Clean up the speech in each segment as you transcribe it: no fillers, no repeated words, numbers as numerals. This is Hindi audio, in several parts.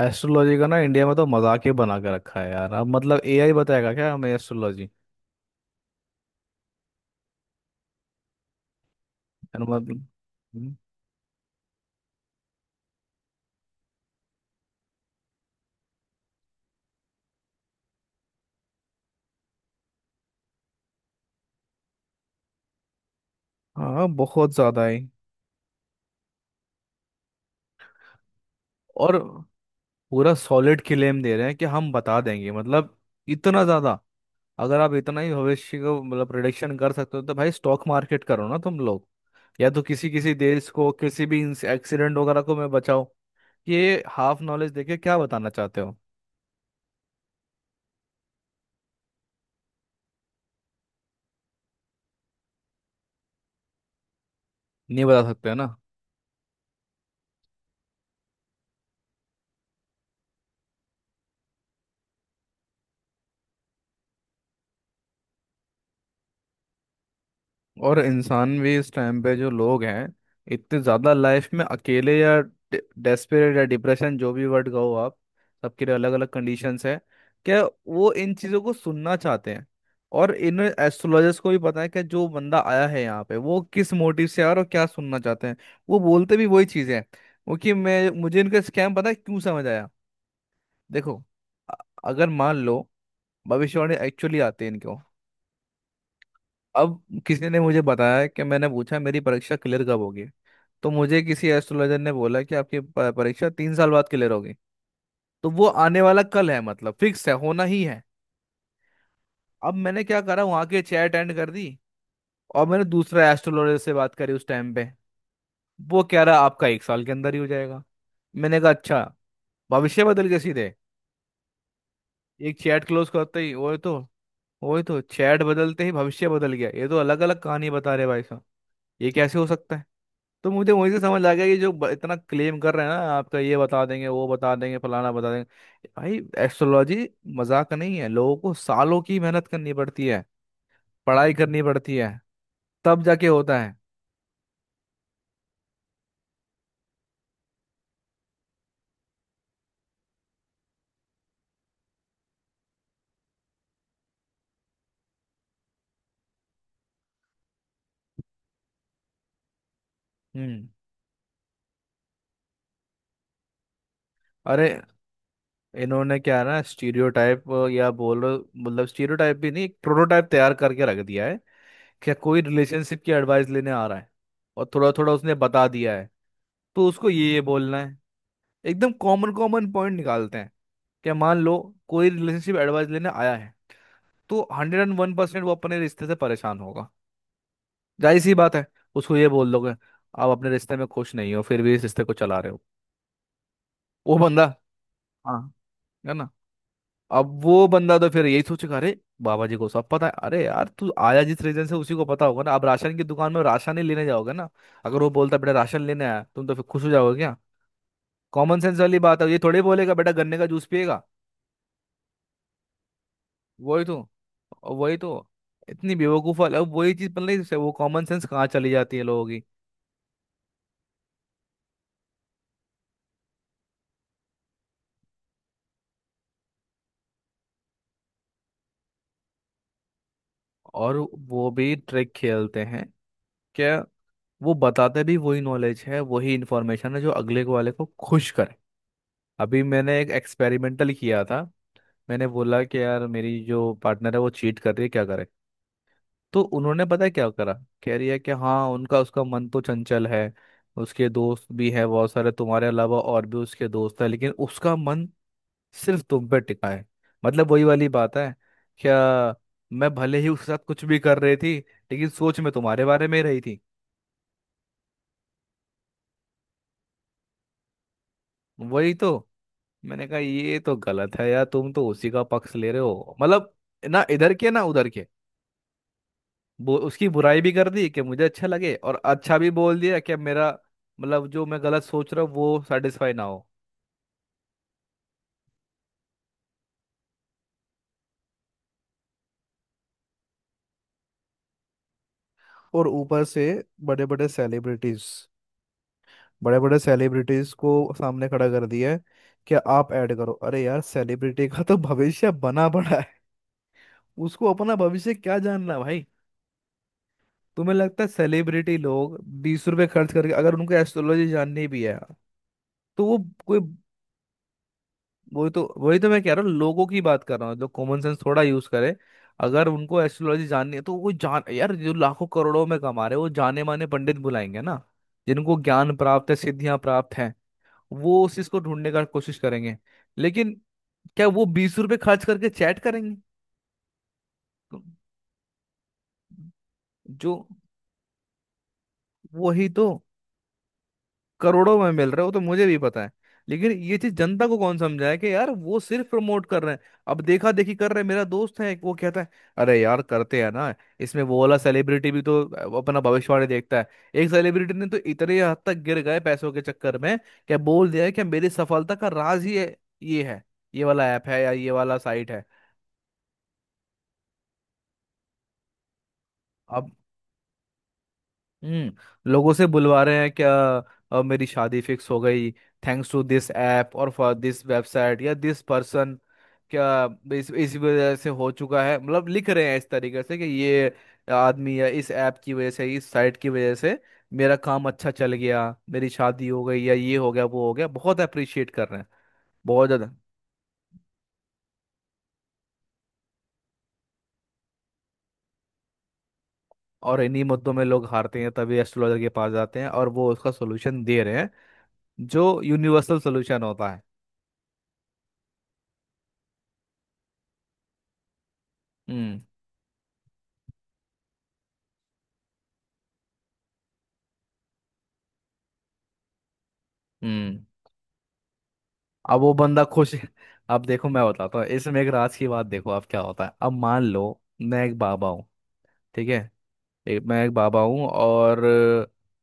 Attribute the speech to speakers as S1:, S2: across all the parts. S1: एस्ट्रोलॉजी का ना इंडिया में तो मजाक ही बना के रखा है यार। अब मतलब एआई बताएगा क्या हमें एस्ट्रोलॉजी? यार मतलब, हम्म। हाँ बहुत ज्यादा है। और पूरा सॉलिड क्लेम दे रहे हैं कि हम बता देंगे मतलब इतना ज्यादा। अगर आप इतना ही भविष्य को मतलब प्रिडिक्शन कर सकते हो तो भाई स्टॉक मार्केट करो ना तुम लोग। या तो किसी किसी देश को किसी भी एक्सीडेंट वगैरह को मैं बचाओ। ये हाफ नॉलेज देके क्या बताना चाहते हो? नहीं बता सकते हो ना। और इंसान भी इस टाइम पे जो लोग हैं इतने ज़्यादा लाइफ में अकेले या डेस्परेट या डिप्रेशन जो भी वर्ड कहो आप, सबके लिए अलग अलग कंडीशंस है। क्या वो इन चीज़ों को सुनना चाहते हैं? और इन एस्ट्रोलॉजर्स को भी पता है कि जो बंदा आया है यहाँ पे वो किस मोटिव से आया और क्या सुनना चाहते हैं। वो बोलते भी वही चीज़ें हैं। वो कि मैं मुझे इनका स्कैम पता है क्यों समझ आया। देखो, अ- अगर मान लो भविष्यवाणी एक्चुअली आती है इनको। अब किसी ने मुझे बताया कि मैंने पूछा मेरी परीक्षा क्लियर कब होगी? तो मुझे किसी एस्ट्रोलॉजर ने बोला कि आपकी परीक्षा 3 साल बाद क्लियर होगी। तो वो आने वाला कल है मतलब फिक्स है होना ही है। अब मैंने क्या करा, वहाँ की चैट एंड कर दी। और मैंने दूसरा एस्ट्रोलॉजर से बात करी उस टाइम पे। वो कह रहा आपका 1 साल के अंदर ही हो जाएगा। मैंने कहा अच्छा। भविष्य बदल गया सीधे, एक चैट क्लोज करते ही। वो तो चैट बदलते ही भविष्य बदल गया, ये तो अलग अलग कहानी बता रहे भाई। ये कैसे हो सकता है? तो मुझे वहीं से समझ आ गया कि जो इतना क्लेम कर रहे हैं ना आपका ये बता देंगे वो बता देंगे फलाना बता देंगे। भाई एस्ट्रोलॉजी मजाक नहीं है, लोगों को सालों की मेहनत करनी पड़ती है, पढ़ाई करनी पड़ती है, तब जाके होता है। हम्म। अरे, इन्होंने क्या है ना, स्टीरियोटाइप या बोलो मतलब स्टीरियोटाइप भी नहीं, एक प्रोटोटाइप तैयार करके रख दिया है। क्या कोई रिलेशनशिप की एडवाइस लेने आ रहा है और थोड़ा थोड़ा उसने बता दिया है, तो उसको ये बोलना है। एकदम कॉमन कॉमन पॉइंट निकालते हैं। क्या मान लो कोई रिलेशनशिप एडवाइस लेने आया है, तो 101% वो अपने रिश्ते से परेशान होगा, जाहिर सी बात है। उसको ये बोल दोगे आप अपने रिश्ते में खुश नहीं हो फिर भी इस रिश्ते को चला रहे हो। वो बंदा, हाँ, है ना। अब वो बंदा तो फिर यही सोचेगा अरे बाबा जी को सब पता है। अरे यार तू आया जिस रीजन से उसी को पता होगा ना। आप राशन की दुकान में राशन ही लेने जाओगे ना। अगर वो बोलता बेटा राशन लेने आया तुम तो फिर खुश हो जाओगे क्या? कॉमन सेंस वाली बात है, ये थोड़ी बोलेगा बेटा गन्ने का जूस पिएगा। वही तो वही तो इतनी बेवकूफ़ वाली- अब वही चीज़ मतलब इससे वो कॉमन सेंस कहाँ चली जाती है लोगों की। और वो भी ट्रिक खेलते हैं क्या? वो बताते भी वही नॉलेज है वही इंफॉर्मेशन है जो अगले को वाले को खुश करे। अभी मैंने एक एक्सपेरिमेंटल किया था। मैंने बोला कि यार मेरी जो पार्टनर है वो चीट कर रही है क्या करे? तो उन्होंने पता है क्या करा, कह रही है कि हाँ उनका उसका मन तो चंचल है, उसके दोस्त भी है बहुत सारे तुम्हारे अलावा और भी उसके दोस्त है लेकिन उसका मन सिर्फ तुम पे टिका है। मतलब वही वाली बात है क्या, मैं भले ही उसके साथ कुछ भी कर रही थी लेकिन सोच में तुम्हारे बारे में ही रही थी। वही तो, मैंने कहा ये तो गलत है यार, तुम तो उसी का पक्ष ले रहे हो मतलब। ना इधर के ना उधर के। वो उसकी बुराई भी कर दी कि मुझे अच्छा लगे और अच्छा भी बोल दिया कि मेरा मतलब जो मैं गलत सोच रहा हूँ वो सेटिस्फाई ना हो। और ऊपर से बड़े बड़े सेलिब्रिटीज, बड़े बड़े सेलिब्रिटीज को सामने खड़ा कर दिया है कि आप ऐड करो। अरे यार सेलिब्रिटी का तो भविष्य बना पड़ा है, उसको अपना भविष्य क्या जानना भाई। तुम्हें लगता है सेलिब्रिटी लोग 20 रुपए खर्च करके अगर उनको एस्ट्रोलॉजी जाननी भी है तो वो कोई, वही तो मैं कह रहा हूँ, लोगों की बात कर रहा हूँ जो कॉमन सेंस थोड़ा यूज करे। अगर उनको एस्ट्रोलॉजी जाननी है तो वो जान, यार जो लाखों करोड़ों में कमा रहे हैं, वो जाने माने पंडित बुलाएंगे ना, जिनको ज्ञान प्राप्त है सिद्धियां प्राप्त हैं। वो उस चीज को ढूंढने का कोशिश करेंगे। लेकिन क्या वो 20 रुपए खर्च करके चैट करेंगे? जो वही तो करोड़ों में मिल रहा है वो तो मुझे भी पता है। लेकिन ये चीज जनता को कौन समझाए कि यार वो सिर्फ प्रमोट कर रहे हैं। अब देखा देखी कर रहे हैं। मेरा दोस्त है वो कहता है अरे यार करते हैं ना, इसमें वो वाला सेलिब्रिटी भी तो अपना भविष्यवाणी देखता है। एक सेलिब्रिटी ने तो इतने हद तक गिर गए पैसों के चक्कर में, क्या बोल दिया है कि मेरी सफलता का राज ही है ये है, ये वाला ऐप है या ये वाला साइट है। अब हम्म, लोगों से बुलवा रहे हैं क्या? अब मेरी शादी फिक्स हो गई, थैंक्स टू दिस ऐप और फॉर दिस वेबसाइट या दिस पर्सन। क्या इस वजह से हो चुका है, मतलब लिख रहे हैं इस तरीके से कि ये आदमी या इस ऐप की वजह से इस साइट की वजह से मेरा काम अच्छा चल गया, मेरी शादी हो गई या ये हो गया वो हो गया, बहुत अप्रिशिएट कर रहे हैं। बहुत ज़्यादा। और इन्हीं मुद्दों में लोग हारते हैं तभी एस्ट्रोलॉजर के पास जाते हैं और वो उसका सोल्यूशन दे रहे हैं जो यूनिवर्सल सोल्यूशन होता है। हम्म हम्म। अब वो बंदा खुश है। अब देखो मैं बताता हूँ इस मेघराज की बात, देखो अब क्या होता है। अब मान लो मैं एक बाबा हूँ, ठीक है। एक मैं एक बाबा हूँ और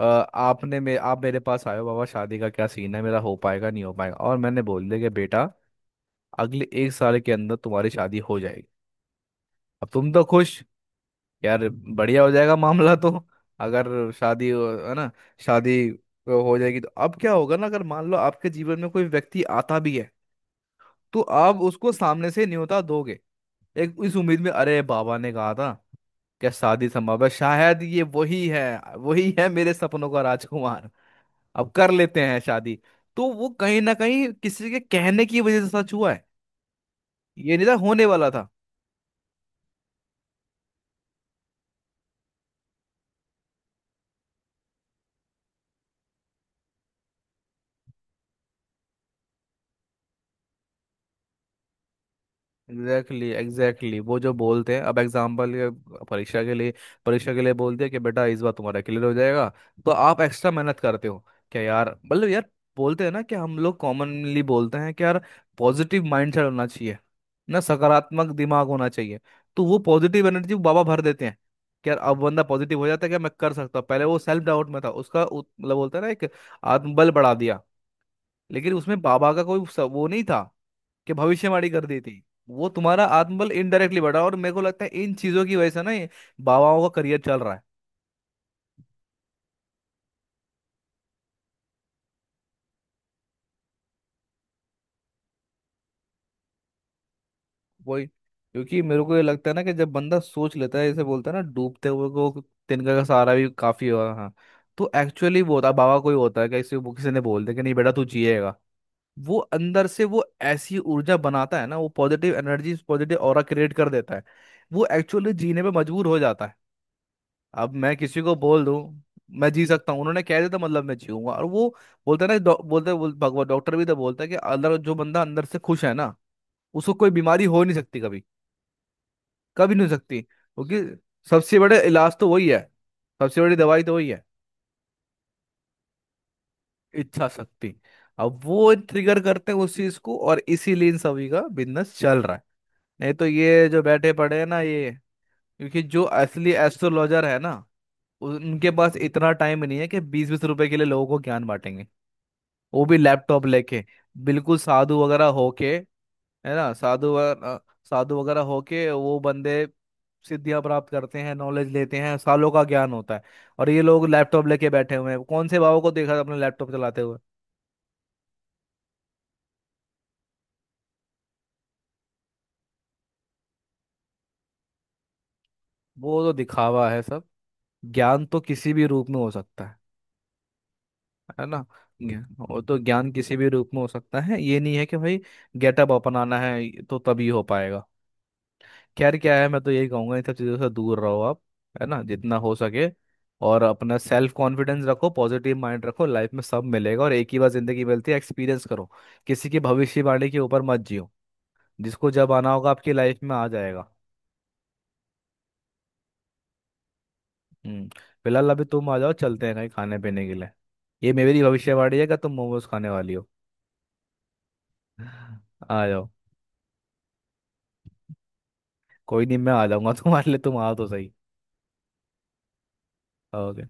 S1: आपने मे आप मेरे पास आए हो, बाबा शादी का क्या सीन है, मेरा हो पाएगा नहीं हो पाएगा? और मैंने बोल दिया कि बेटा अगले 1 साल के अंदर तुम्हारी शादी हो जाएगी। अब तुम तो खुश, यार बढ़िया हो जाएगा मामला तो। अगर है ना, शादी हो जाएगी तो अब क्या होगा ना, अगर मान लो आपके जीवन में कोई व्यक्ति आता भी है तो आप उसको सामने से न्योता दोगे, एक इस उम्मीद में अरे बाबा ने कहा था। क्या शादी संभव है, शायद ये वही है, वही है मेरे सपनों का राजकुमार, अब कर लेते हैं शादी। तो वो कहीं ना कहीं किसी के कहने की वजह से सच हुआ है, ये नहीं था होने वाला था। Exactly exactly, exactly exactly। वो जो बोलते हैं अब एग्जाम्पल के, परीक्षा के लिए, परीक्षा के लिए बोलते हैं कि बेटा इस बार तुम्हारा क्लियर हो जाएगा तो आप एक्स्ट्रा मेहनत करते हो। क्या यार मतलब यार, बोलते हैं ना कि हम लोग कॉमनली बोलते हैं कि यार पॉजिटिव माइंडसेट होना चाहिए ना, सकारात्मक दिमाग होना चाहिए। तो वो पॉजिटिव एनर्जी बाबा भर देते हैं कि यार, अब बंदा पॉजिटिव हो जाता है कि मैं कर सकता हूँ, पहले वो सेल्फ डाउट में था, उसका मतलब बोलते हैं ना एक आत्मबल बढ़ा दिया। लेकिन उसमें बाबा का कोई वो नहीं था कि भविष्यवाणी कर दी थी। वो तुम्हारा आत्मबल इनडायरेक्टली बढ़ा, और मेरे को लगता है इन चीजों की वजह से ना ये बाबाओं का करियर चल रहा है। वही, क्योंकि मेरे को ये लगता है ना कि जब बंदा सोच लेता है जैसे बोलता है ना डूबते हुए को तिनका का सहारा भी काफी हुआ, हाँ। तो एक्चुअली वो होता है बाबा कोई होता है कि किसी वो किसी ने बोल दिया कि नहीं बेटा तू जिएगा, वो अंदर से वो ऐसी ऊर्जा बनाता है ना वो positive energy positive aura create कर देता है, वो एक्चुअली जीने पे मजबूर हो जाता है। अब मैं किसी को बोल दूं मैं जी सकता हूँ, उन्होंने कह दिया था मतलब मैं जीऊंगा। और वो बोलता है ना बोलता है बोल, भगवान डॉक्टर भी तो बोलता है कि अगर जो बंदा अंदर से खुश है ना उसको कोई बीमारी हो नहीं सकती कभी। कभी नहीं हो सकती, क्योंकि सबसे बड़ा इलाज तो वही है, सबसे बड़ी दवाई तो वही है, इच्छा शक्ति। अब वो ट्रिगर करते हैं उस चीज को और इसीलिए इन सभी का बिजनेस चल रहा है। नहीं तो ये जो बैठे पड़े हैं ना ये, क्योंकि जो असली एस्ट्रोलॉजर है ना उनके पास इतना टाइम नहीं है कि बीस बीस रुपए के लिए लोगों को ज्ञान बांटेंगे वो भी लैपटॉप लेके, बिल्कुल साधु वगैरह होके, है ना? साधु वगैरह, साधु वगैरह होके वो बंदे सिद्धियां प्राप्त करते हैं, नॉलेज लेते हैं, सालों का ज्ञान होता है। और ये लोग लैपटॉप लेके बैठे हुए हैं, कौन से बाबा को देखा अपने लैपटॉप चलाते हुए? वो तो दिखावा है सब, ज्ञान तो किसी भी रूप में हो सकता है। है ना, ज्ञान- वो तो ज्ञान किसी भी रूप में हो सकता है, ये नहीं है कि भाई गेटअप अपनाना है तो तभी हो पाएगा। खैर क्या है, मैं तो यही कहूंगा इन सब चीज़ों से दूर रहो आप, है ना, जितना हो सके। और अपना सेल्फ कॉन्फिडेंस रखो पॉजिटिव माइंड रखो, लाइफ में सब मिलेगा, और एक ही बार जिंदगी मिलती है, एक्सपीरियंस करो। किसी की भविष्यवाणी के ऊपर मत जियो, जिसको जब आना होगा आपकी लाइफ में आ जाएगा। हम्म। फिलहाल अभी तुम आ जाओ, चलते हैं कहीं खाने पीने के लिए, ये मेरी भविष्यवाणी है कि तुम मोमोज खाने वाली हो। आ जाओ। कोई नहीं, मैं आ जाऊंगा तुम्हारे लिए, तुम आओ तो सही। ओके।